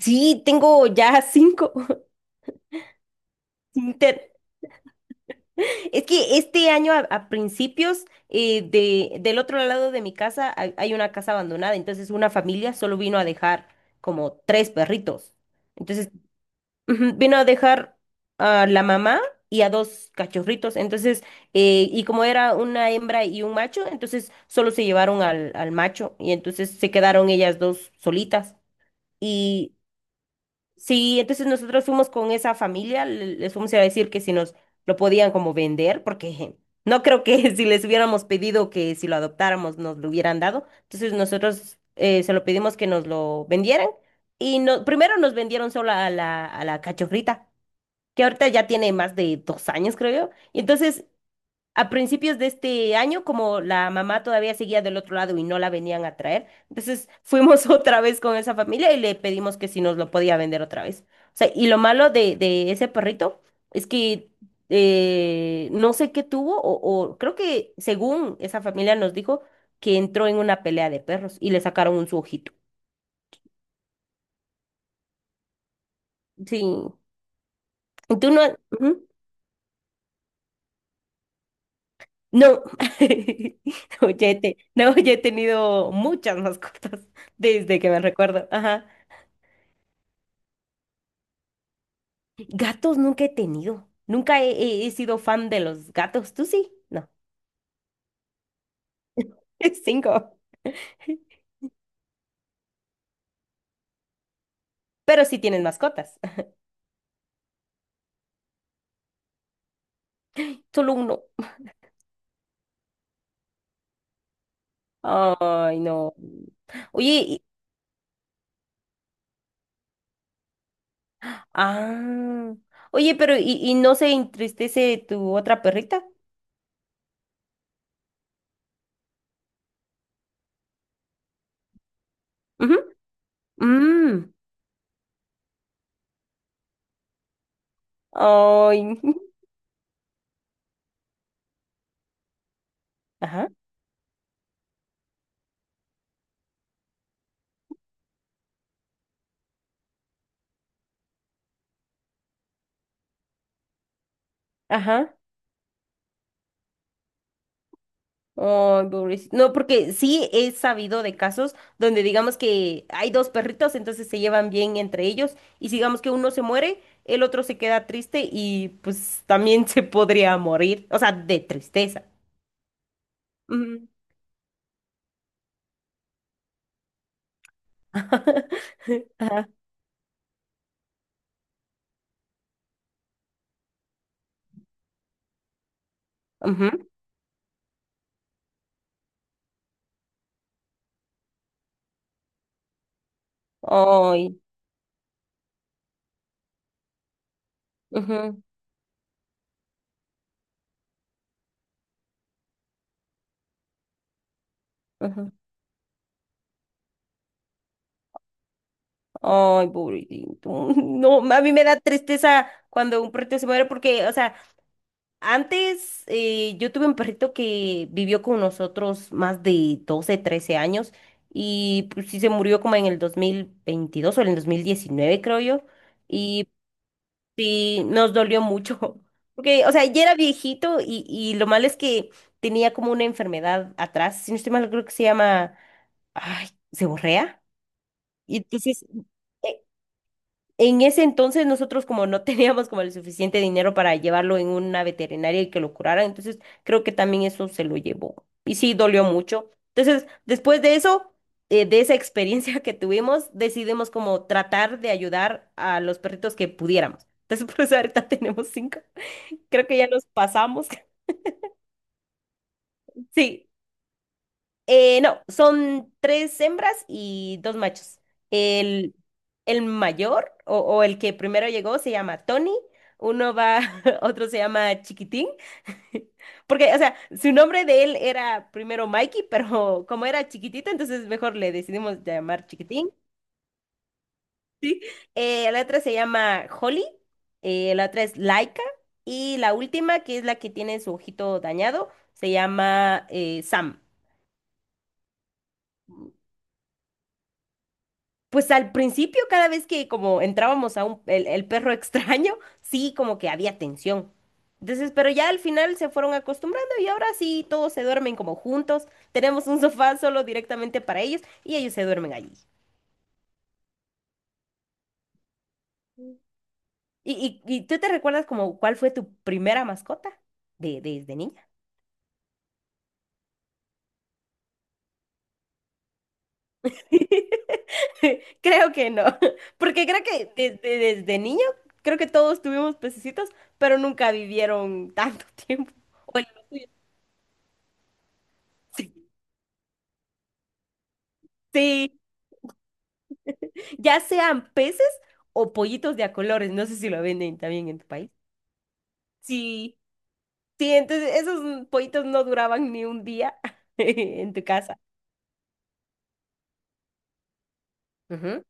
Sí, tengo ya cinco. Inter- Es que este año a principios del otro lado de mi casa hay una casa abandonada, entonces una familia solo vino a dejar como tres perritos. Entonces vino a dejar a la mamá y a dos cachorritos. Entonces, y como era una hembra y un macho, entonces solo se llevaron al macho y entonces se quedaron ellas dos solitas. Sí, entonces nosotros fuimos con esa familia, les fuimos a decir que si nos lo podían como vender, porque no creo que si les hubiéramos pedido que si lo adoptáramos nos lo hubieran dado. Entonces nosotros se lo pedimos que nos lo vendieran y no, primero nos vendieron solo a la cachofrita, que ahorita ya tiene más de 2 años, creo yo. Y entonces a principios de este año, como la mamá todavía seguía del otro lado y no la venían a traer, entonces fuimos otra vez con esa familia y le pedimos que si nos lo podía vender otra vez. O sea, y lo malo de ese perrito es que no sé qué tuvo, o creo que según esa familia nos dijo que entró en una pelea de perros y le sacaron un su ojito. Sí. ¿Y tú no? Ujú. No, no, no, ya he tenido muchas mascotas desde que me recuerdo. Ajá. Gatos nunca he tenido. Nunca he sido fan de los gatos. ¿Tú sí? No. Cinco. Pero sí tienes mascotas. Solo uno. Ay, no. Oye, ah. Oye, pero y no se entristece tu otra perrita? Ujú. Mm. Ay. Ajá. Ajá. Ay, pobrecito. No, porque sí he sabido de casos donde digamos que hay dos perritos, entonces se llevan bien entre ellos y si digamos que uno se muere, el otro se queda triste y pues también se podría morir, o sea, de tristeza. Ujú. Ujú. Ay, ujú, ujú. Ay, pobrecito. No, a mí me da tristeza cuando un perrito se muere porque, o sea, antes yo tuve un perrito que vivió con nosotros más de 12, 13 años y pues sí se murió como en el 2022 o en el 2019 creo yo y sí nos dolió mucho porque o sea ya era viejito y lo malo es que tenía como una enfermedad atrás, si no estoy mal creo que se llama ay, seborrea y entonces e- en ese entonces nosotros como no teníamos como el suficiente dinero para llevarlo en una veterinaria y que lo curaran, entonces creo que también eso se lo llevó. Y sí, dolió mucho. Entonces, después de eso, de esa experiencia que tuvimos, decidimos como tratar de ayudar a los perritos que pudiéramos. Entonces, por eso ahorita tenemos cinco. Creo que ya nos pasamos. Sí. No, son tres hembras y dos machos. El, el mayor o el que primero llegó se llama Tony, uno va, otro se llama Chiquitín, porque, o sea, su nombre de él era primero Mikey, pero como era chiquitito, entonces mejor le decidimos llamar Chiquitín. Sí. La otra se llama Holly, la otra es Laika y la última, que es la que tiene su ojito dañado, se llama Sam. Pues al principio, cada vez que como entrábamos a un, el perro extraño, sí, como que había tensión. Entonces, pero ya al final se fueron acostumbrando y ahora sí, todos se duermen como juntos. Tenemos un sofá solo directamente para ellos y ellos se duermen allí. ¿Y tú te recuerdas como cuál fue tu primera mascota desde niña? Creo que no, porque creo que desde niño, creo que todos tuvimos pececitos, pero nunca vivieron tanto tiempo. O el- Sí, ya sean peces o pollitos de a colores, no sé si lo venden también en tu país. Sí, sí, entonces esos pollitos no duraban ni un día en tu casa. Ujú.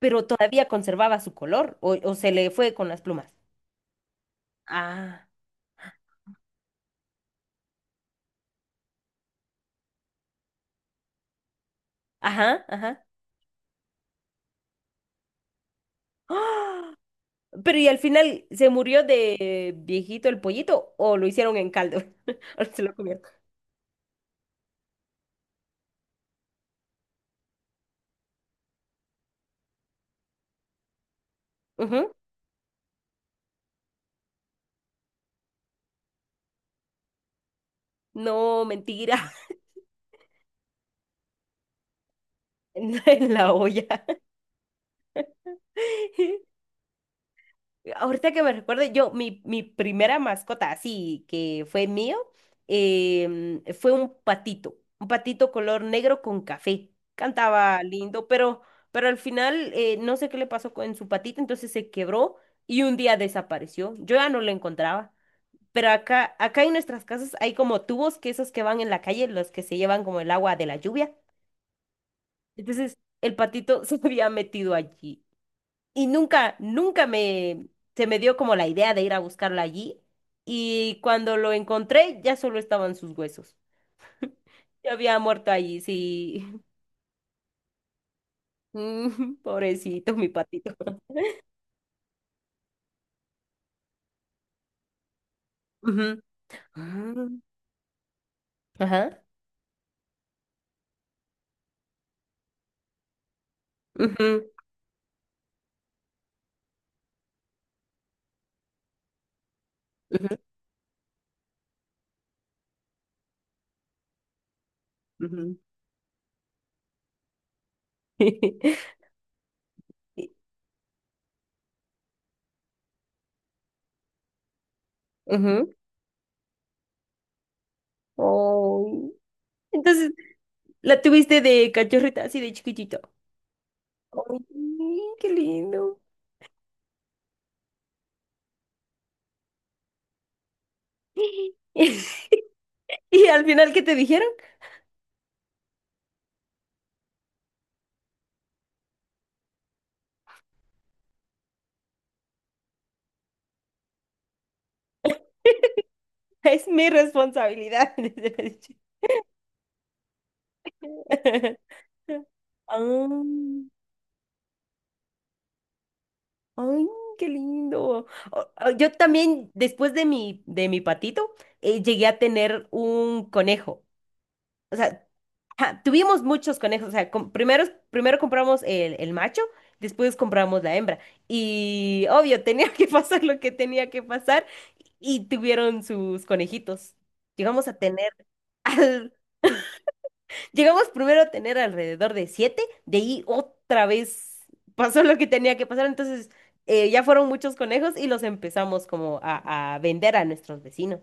Pero todavía conservaba su color o se le fue con las plumas. Ah. Ajá, ajá. ¡Ah! Pero ¿y al final se murió de viejito el pollito o lo hicieron en caldo? ¿O se lo comieron? Ujú. No, mentira. En la olla. Ahorita que me recuerde, yo, mi primera mascota, así que fue mío, em, fue un patito color negro con café. Cantaba lindo, pero al final no sé qué le pasó con su patita, entonces se quebró y un día desapareció. Yo ya no lo encontraba. Pero acá, acá en nuestras casas hay como tubos que esos que van en la calle, los que se llevan como el agua de la lluvia. Entonces el patito se había metido allí y nunca se me dio como la idea de ir a buscarlo allí. Y cuando lo encontré, ya solo estaban sus huesos. Ya había muerto allí, sí. Mm. Pobrecito, mi patito. Ujú. Mm. Ajá. Ujú, ujú, ujú. Y- Ujú. Oh. Entonces, la tuviste de cachorrita, así de chiquitito. Ay, qué lindo. Y al final, ¿qué te dijeron? Es mi responsabilidad. Ah, ay, qué lindo. Yo también, después de mi patito, llegué a tener un conejo. O sea, ja, tuvimos muchos conejos. O sea, primero compramos el macho, después compramos la hembra. Y obvio, tenía que pasar lo que tenía que pasar y tuvieron sus conejitos. Llegamos a tener llegamos primero a tener alrededor de siete, de ahí otra vez pasó lo que tenía que pasar, entonces ya fueron muchos conejos y los empezamos como a vender a nuestros vecinos.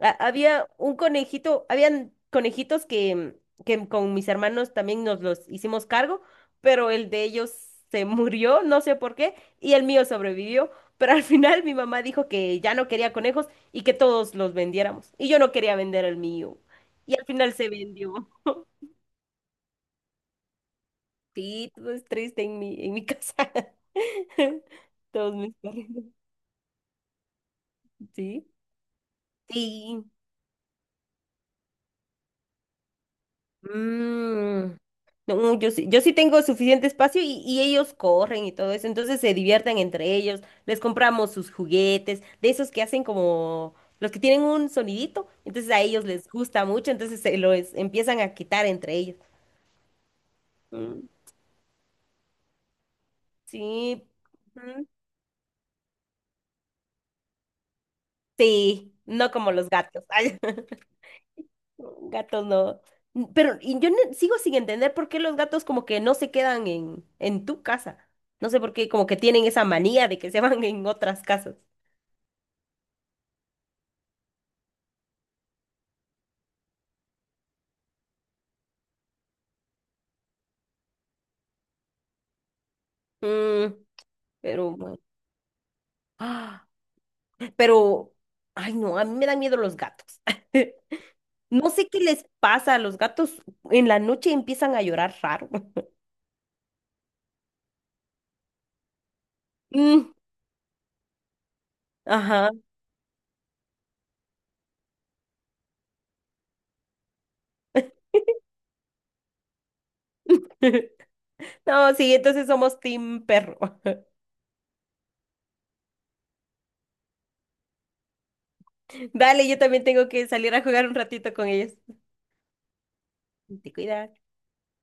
Había un conejito, habían conejitos que con mis hermanos también nos los hicimos cargo, pero el de ellos se murió, no sé por qué, y el mío sobrevivió, pero al final mi mamá dijo que ya no quería conejos y que todos los vendiéramos, y yo no quería vender el mío, y al final se vendió. Sí, todo es triste en en mi casa. Todos mis perritos, sí. Sí. Mm. No, yo sí tengo suficiente espacio y ellos corren y todo eso, entonces se divierten entre ellos, les compramos sus juguetes, de esos que hacen como los que tienen un sonidito, entonces a ellos les gusta mucho, entonces se los empiezan a quitar entre ellos. Mm. Sí, mm, sí, no como los gatos. Gatos no. Pero y yo sigo sin entender por qué los gatos como que no se quedan en tu casa. No sé por qué, como que tienen esa manía de que se van en otras casas. Mm, pero bueno. Ah. Pero, ay no, a mí me dan miedo los gatos. No sé qué les pasa a los gatos. En la noche empiezan a llorar raro. Mm, ajá. No, sí, entonces somos team perro. Dale, yo también tengo que salir a jugar un ratito con ellos. Te cuidas.